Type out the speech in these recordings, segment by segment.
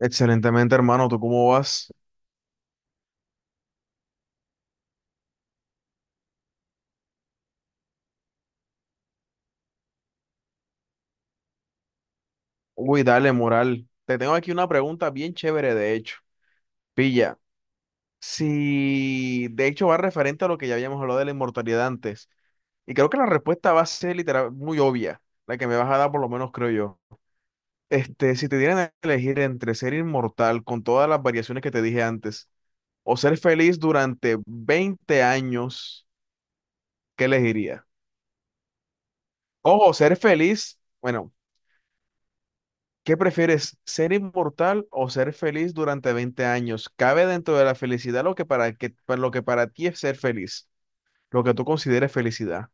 Excelentemente, hermano, ¿tú cómo vas? Uy, dale, moral. Te tengo aquí una pregunta bien chévere, de hecho. Pilla, si de hecho va referente a lo que ya habíamos hablado de la inmortalidad antes, y creo que la respuesta va a ser literal muy obvia, la que me vas a dar por lo menos creo yo. Si te dieran a elegir entre ser inmortal con todas las variaciones que te dije antes, o ser feliz durante 20 años, ¿qué elegirías? Ojo, ser feliz, bueno, ¿qué prefieres, ser inmortal o ser feliz durante 20 años? Cabe dentro de la felicidad lo que para lo que para ti es ser feliz, lo que tú consideres felicidad.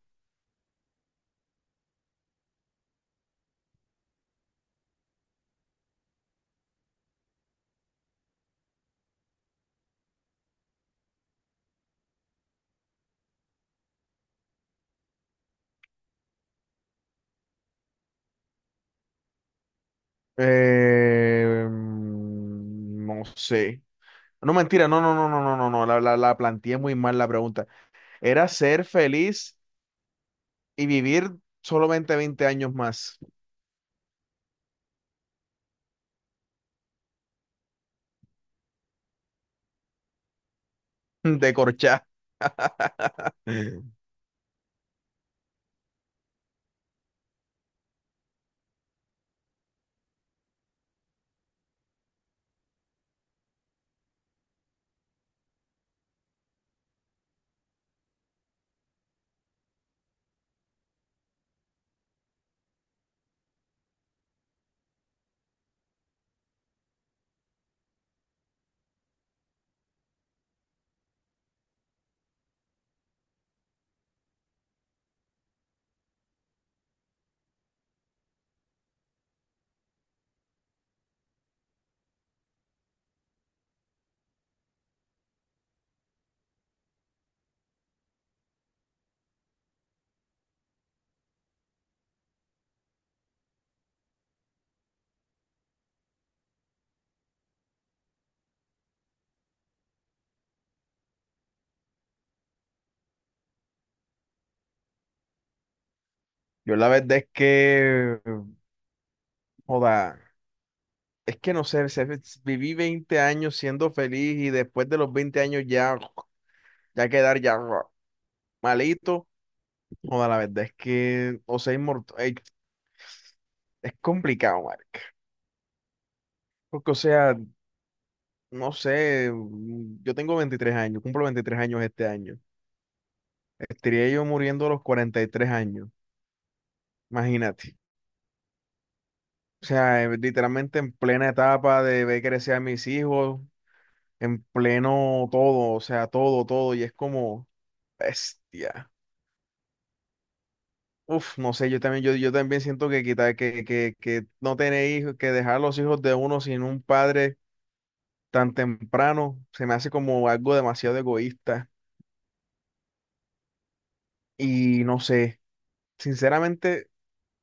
No sé. No, mentira, no, no, no, no, no, no, no, la planteé muy mal la pregunta. Era ser feliz y vivir solamente 20 años más. De corchá. Yo la verdad es que, joda. Es que no sé, viví 20 años siendo feliz y después de los 20 años ya, ya quedar ya malito. Joda, la verdad es que, o sea, inmortal, es complicado, marica. Porque, o sea, no sé, mm, yo tengo 23 años, cumplo 23 años este año. Estaría yo muriendo a los 43 años, imagínate. O sea, literalmente en plena etapa de ver crecer a mis hijos, en pleno todo, o sea, todo, todo, y es como, bestia. Uf, no sé, yo también, yo también siento que que no tener hijos, que dejar los hijos de uno sin un padre tan temprano, se me hace como algo demasiado egoísta. Y no sé, sinceramente,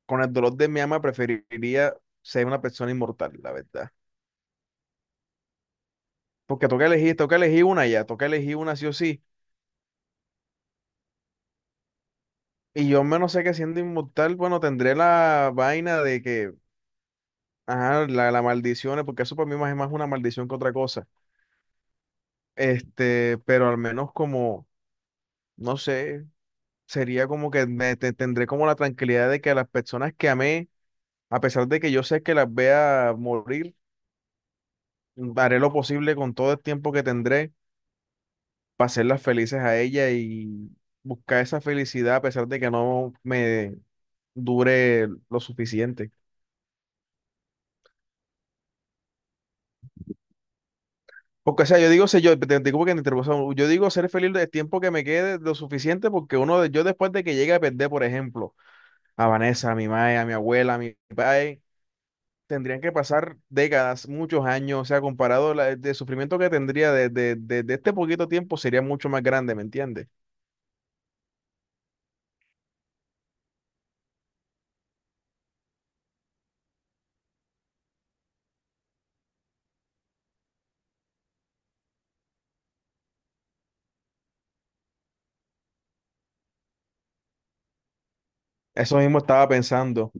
con el dolor de mi alma preferiría ser una persona inmortal, la verdad. Porque toca elegir una ya, toca elegir una sí o sí. Y yo al menos sé que siendo inmortal, bueno, tendré la vaina de que, ajá, la maldición, porque eso para mí más es más una maldición que otra cosa. Pero al menos como no sé, sería como que tendré como la tranquilidad de que las personas que amé, a pesar de que yo sé que las vea morir, haré lo posible con todo el tiempo que tendré para hacerlas felices a ella y buscar esa felicidad a pesar de que no me dure lo suficiente. Porque, o sea, yo digo, sé yo, te digo porque te interrumpo, o sea, yo digo ser feliz el tiempo que me quede lo suficiente porque uno, yo después de que llegue a perder, por ejemplo, a Vanessa, a mi madre, a mi abuela, a mi padre, tendrían que pasar décadas, muchos años, o sea, comparado la, de sufrimiento que tendría desde de este poquito tiempo sería mucho más grande, ¿me entiendes? Eso mismo estaba pensando.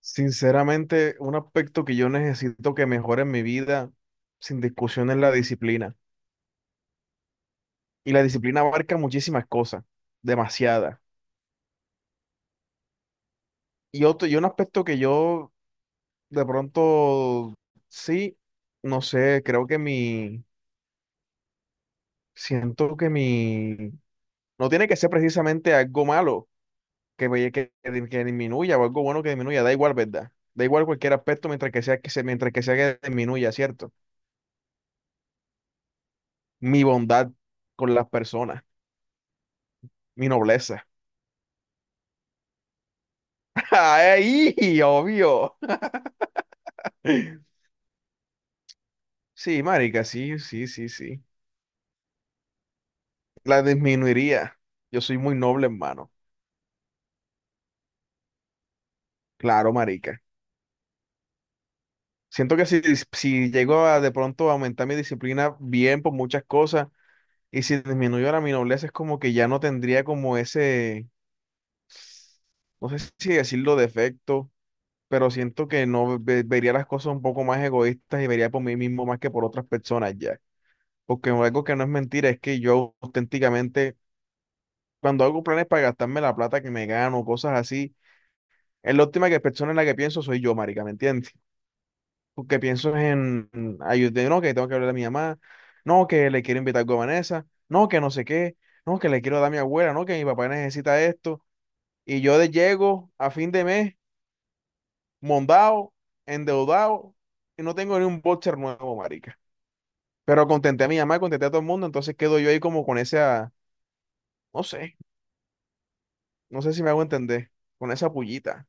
Sinceramente, un aspecto que yo necesito que mejore en mi vida, sin discusión, es la disciplina. Y la disciplina abarca muchísimas cosas, demasiadas. Y otro, y un aspecto que yo de pronto sí, no sé, creo que mi, siento que mi, no tiene que ser precisamente algo malo que, que disminuya o algo bueno que disminuya, da igual, ¿verdad? Da igual cualquier aspecto mientras que sea que se, mientras que sea que disminuya, ¿cierto? Mi bondad con las personas, mi nobleza. ¡Ahí! Obvio. Sí, marica, sí, sí, sí, sí. La disminuiría. Yo soy muy noble, hermano. Claro, marica. Siento que si, si llego a de pronto a aumentar mi disciplina bien por muchas cosas y si disminuyo la mi nobleza es como que ya no tendría como ese, no sé si decirlo defecto, pero siento que no ve- vería las cosas un poco más egoístas y vería por mí mismo más que por otras personas ya. Porque algo que no es mentira es que yo auténticamente, cuando hago planes para gastarme la plata que me gano, cosas así, es la última que persona en la que pienso soy yo, marica, ¿me entiendes? Porque pienso en ayudar, no, que tengo que hablar a mi mamá, no, que le quiero invitar algo a Vanessa, no, que no sé qué, no, que le quiero dar a mi abuela, no, que mi papá necesita esto. Y yo de llego a fin de mes. Mondado, endeudado y no tengo ni un boxer nuevo, marica. Pero contenté a mi mamá, contenté a todo el mundo, entonces quedo yo ahí como con esa, no sé, no sé si me hago entender, con esa pullita.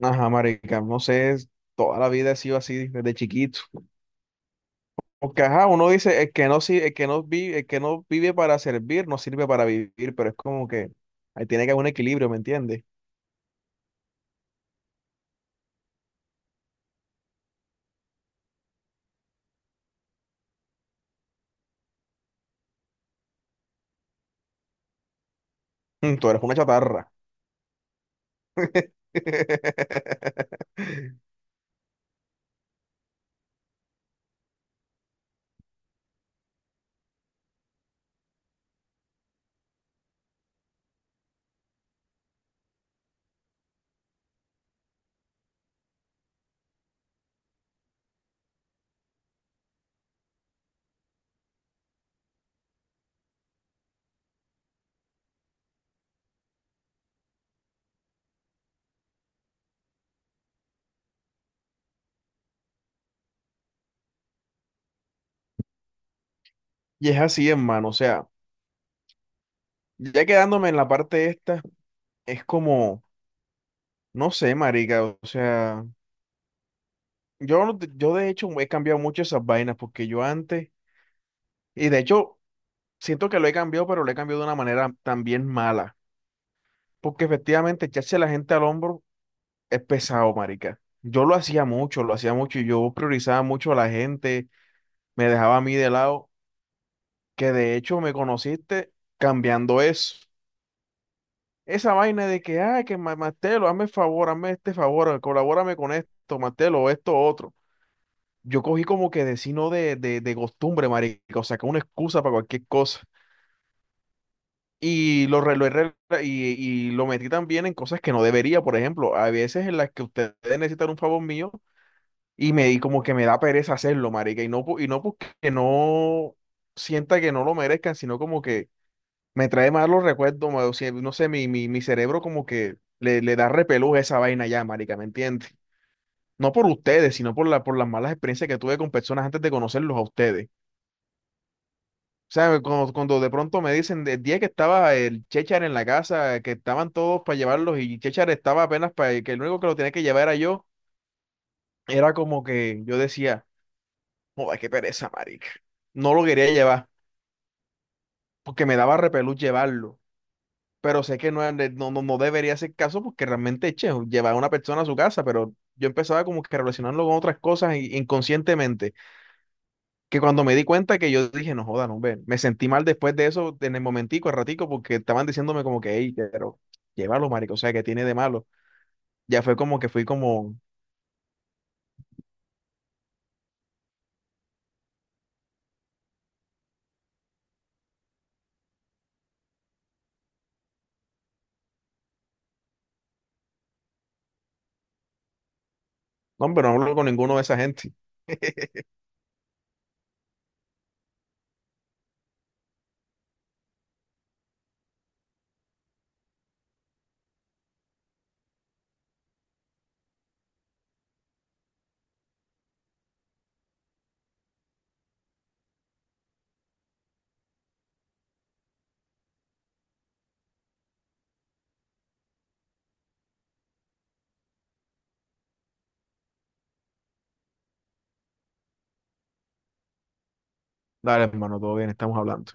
Ajá, marica, no sé, es- toda la vida he sido así desde chiquito. Porque ajá, uno dice, el que no vive, el que no vive para servir, no sirve para vivir, pero es como que ahí tiene que haber un equilibrio, ¿me entiendes? Mm, tú eres una chatarra. Y es así, hermano, o sea, ya quedándome en la parte esta. Es como, no sé, marica, o sea, yo, no te- yo de hecho he cambiado mucho esas vainas porque yo antes, y de hecho siento que lo he cambiado, pero lo he cambiado de una manera también mala, porque efectivamente echarse a la gente al hombro es pesado, marica. Yo lo hacía mucho y yo priorizaba mucho a la gente, me dejaba a mí de lado, que de hecho me conociste cambiando eso. Esa vaina de que, ah, que Martelo, hazme el favor, hazme este favor, colabórame con esto, Martelo, esto, otro. Yo cogí como que de sino de costumbre, marica, o sea, que una excusa para cualquier cosa. Y lo, re- lo he re- y, y lo metí también en cosas que no debería, por ejemplo, a veces en las que ustedes necesitan un favor mío y me di como que me da pereza hacerlo, marica, y no porque no sienta que no lo merezcan, sino como que me trae malos recuerdos, o sea, no sé, mi cerebro como que le da repelús a esa vaina ya, marica, ¿me entiendes? No por ustedes, sino por la, por las malas experiencias que tuve con personas antes de conocerlos a ustedes. O sea, cuando de pronto me dicen el día que estaba el Chechar en la casa, que estaban todos para llevarlos y Chechar estaba apenas para que el único que lo tenía que llevar era yo, era como que yo decía, joder, qué pereza, marica. No lo quería llevar porque me daba repelús llevarlo, pero sé que no, no, no, no debería hacer caso porque realmente, che, llevar a una persona a su casa, pero yo empezaba como que a relacionarlo con otras cosas inconscientemente. Que cuando me di cuenta que yo dije, no joda, no, ve, me sentí mal después de eso, en el momentico, al ratico, porque estaban diciéndome como que, hey, pero llévalo, marico, o sea, que tiene de malo? Ya fue como que fui como, no, pero no hablo con ninguno de esa gente. Dale, hermano, todo bien, estamos hablando.